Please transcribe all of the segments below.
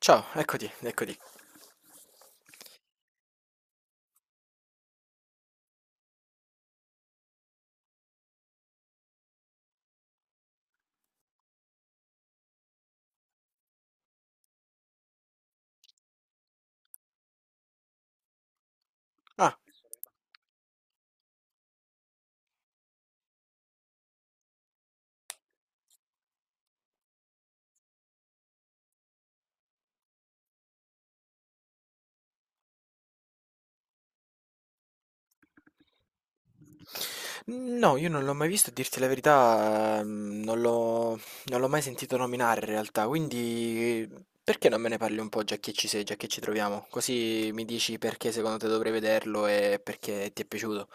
Ciao, eccoti. Ah, no, io non l'ho mai visto, a dirti la verità, mm, non l'ho mai sentito nominare in realtà, quindi perché non me ne parli un po' già che ci sei, già che ci troviamo? Così mi dici perché secondo te dovrei vederlo e perché ti è piaciuto.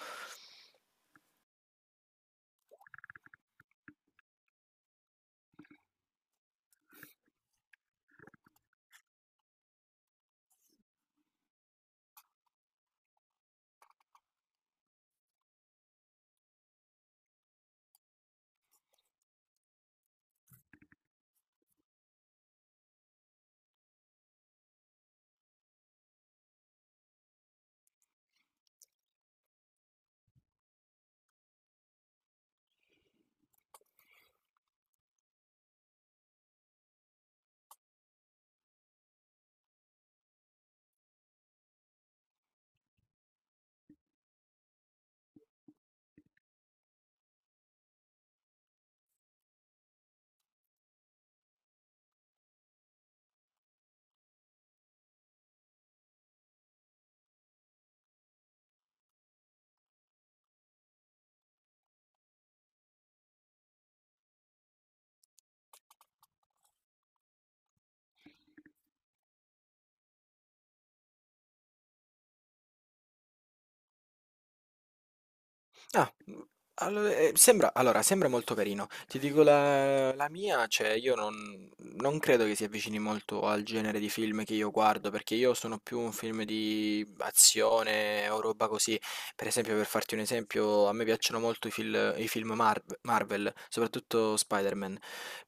Ah, mhmm, allo sembra sembra molto carino. Ti dico la mia, cioè io non credo che si avvicini molto al genere di film che io guardo, perché io sono più un film di azione o roba così. Per esempio, per farti un esempio, a me piacciono molto i film Marvel, soprattutto Spider-Man.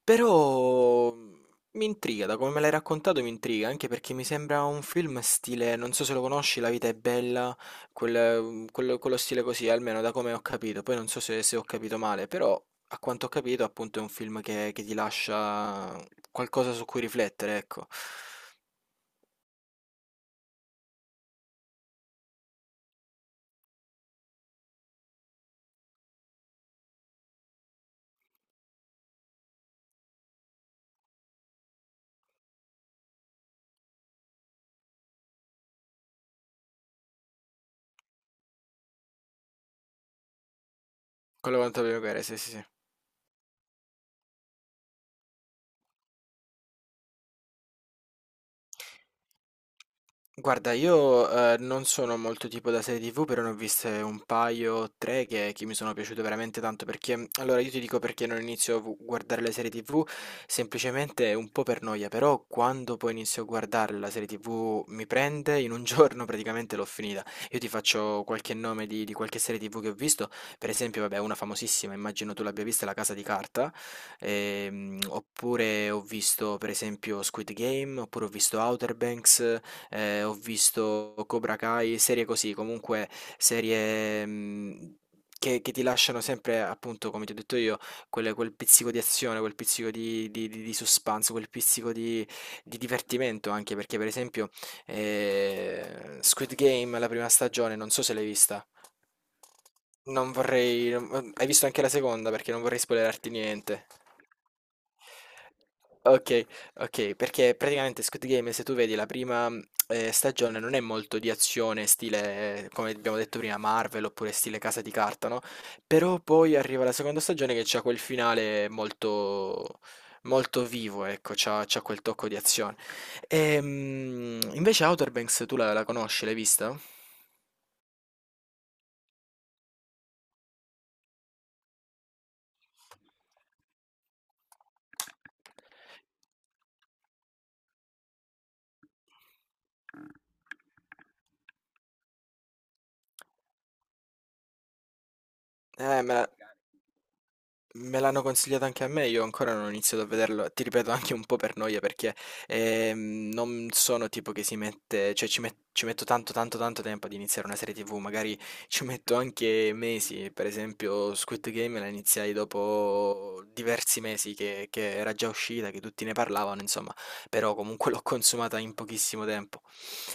Però, mhmm, mi intriga, da come me l'hai raccontato mi intriga, anche perché mi sembra un film stile, non so se lo conosci, La vita è bella. Quello, quello stile così, almeno da come ho capito. Poi non so se, se ho capito male, però a quanto ho capito, appunto, è un film che ti lascia qualcosa su cui riflettere, ecco. Quello quanto abbiamo capito, sì, sì, sì. Guarda, io, non sono molto tipo da serie TV, però ne ho viste un paio, 3 che mi sono piaciute veramente tanto, perché allora io ti dico perché non inizio a vu guardare le serie TV, semplicemente un po' per noia, però quando poi inizio a guardare la serie TV mi prende, in un giorno praticamente l'ho finita. Io ti faccio qualche nome di qualche serie TV che ho visto, per esempio vabbè una famosissima, immagino tu l'abbia vista, La Casa di Carta, oppure ho visto per esempio Squid Game, oppure ho visto Outer Banks, ho visto Cobra Kai, serie così, comunque serie, mhmm, che ti lasciano sempre, appunto, come ti ho detto io, quel pizzico di azione, quel pizzico di suspense, quel pizzico di divertimento anche, perché per esempio, Squid Game, la prima stagione, non so se l'hai vista. Non vorrei non Hai visto anche la seconda? Perché non vorrei spoilerarti niente. Okay, okay, perché praticamente Squid Game se tu vedi la prima, mhmm, stagione, non è molto di azione stile, come abbiamo detto prima, Marvel oppure stile Casa di Carta, no, però poi arriva la seconda stagione che c'ha quel finale molto vivo, ecco, c'ha quel tocco di azione. Invece Outer Banks tu la conosci? L'hai vista? Eh, me la- Me l'hanno consigliato anche a me, io ancora non ho iniziato a vederlo, ti ripeto, anche un po' per noia, perché non sono tipo che si mette, cioè ci, ci metto tanto tempo ad iniziare una serie TV, magari ci metto anche mesi, per esempio Squid Game la iniziai dopo diversi mesi che era già uscita, che tutti ne parlavano, insomma, però comunque l'ho consumata in pochissimo tempo.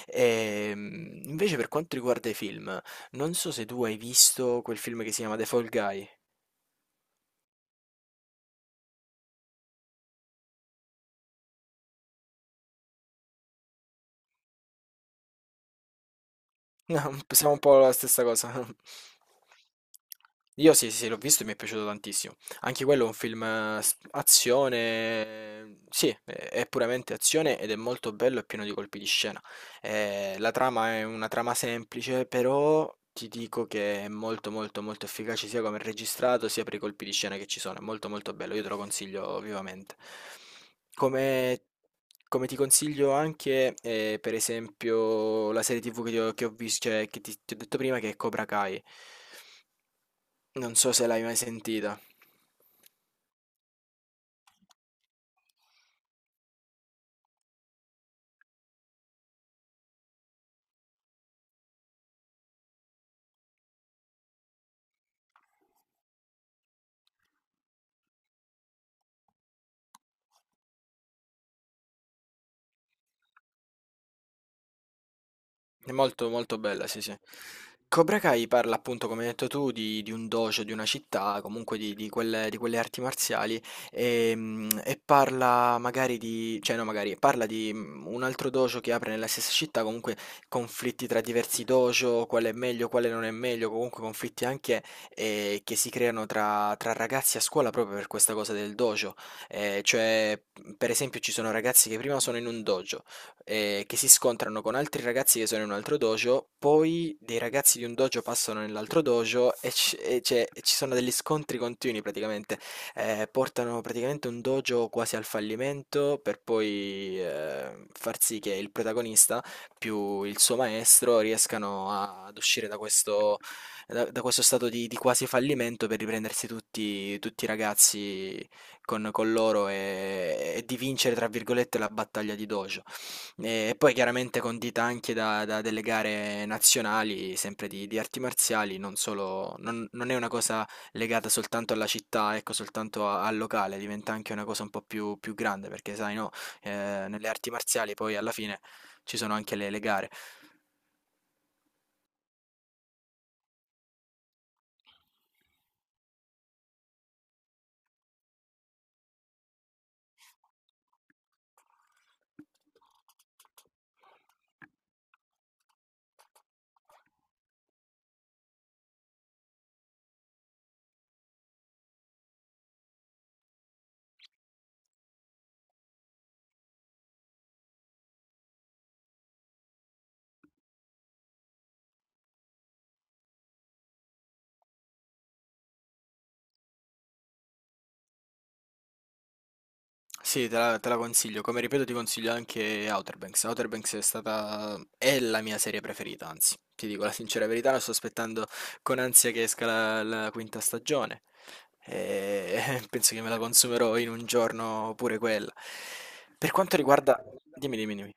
Invece per quanto riguarda i film, non so se tu hai visto quel film che si chiama The Fall Guy. Siamo un po' la stessa cosa. Io sì, sì, sì, l'ho visto e mi è piaciuto tantissimo. Anche quello è un film, azione, sì, è puramente azione ed è molto bello e pieno di colpi di scena. La trama è una trama semplice, però ti dico che è molto, molto, molto efficace, sia come è registrato, sia per i colpi di scena che ci sono. È molto, molto bello, io te lo consiglio vivamente. Come, come ti consiglio anche, per esempio, la serie TV che ho cioè, che ti ho detto prima, che è Cobra Kai. Non so se l'hai mai sentita. È molto, molto bella, sì, sì. Cobra Kai parla, appunto, come hai detto tu, di un dojo, di una città, comunque di quelle arti marziali e, mm, e parla magari di, cioè no, magari parla di, mm, un altro dojo che apre nella stessa città, comunque conflitti tra diversi dojo, quale è meglio, quale non è meglio, comunque conflitti anche, che si creano tra ragazzi a scuola proprio per questa cosa del dojo. Cioè, per esempio, ci sono ragazzi che prima sono in un dojo, che si scontrano con altri ragazzi che sono in un altro dojo, poi dei ragazzi di un dojo passano nell'altro dojo e ci sono degli scontri continui praticamente. Portano praticamente un dojo quasi al fallimento per poi, far sì che il protagonista, più il suo maestro, riescano ad uscire da questo, da questo stato di quasi fallimento, per riprendersi tutti i ragazzi con loro e di vincere, tra virgolette, la battaglia di dojo. E poi chiaramente condita anche da delle gare nazionali, sempre di arti marziali, non solo, non, non è una cosa legata soltanto alla città, ecco, soltanto al locale, diventa anche una cosa un po' più, più grande, perché sai, no, nelle arti marziali poi alla fine ci sono anche le gare. Sì, te la consiglio. Come ripeto, ti consiglio anche Outer Banks. Outer Banks è stata, è la mia serie preferita, anzi, ti dico la sincera verità, la sto aspettando con ansia che esca la quinta stagione. E penso che me la consumerò in un giorno pure quella. Per quanto riguarda... Dimmi, dimmi, dimmi.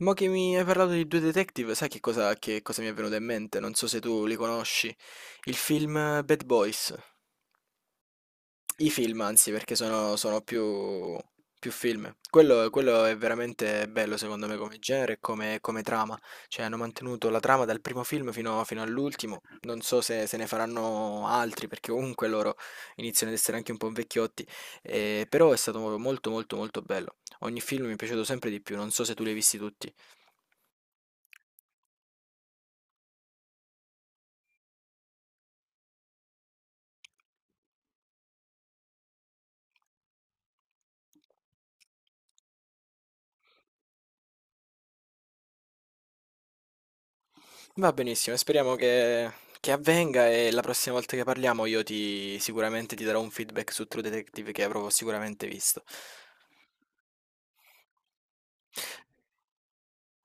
Mo che mi hai parlato di due detective, sai che cosa mi è venuto in mente? Non so se tu li conosci. Il film, Bad Boys. I film, anzi, perché sono, più film. Quello è veramente bello, secondo me, come genere e come, come trama. Cioè, hanno mantenuto la trama dal primo film fino, fino all'ultimo. Non so se, se ne faranno altri, perché comunque loro iniziano ad essere anche un po' vecchiotti. Però è stato molto, molto, molto bello. Ogni film mi è piaciuto sempre di più. Non so se tu li hai visti tutti. Va benissimo, speriamo che avvenga e la prossima volta che parliamo io ti sicuramente ti darò un feedback su True Detective che avrò sicuramente visto.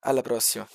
Alla prossima.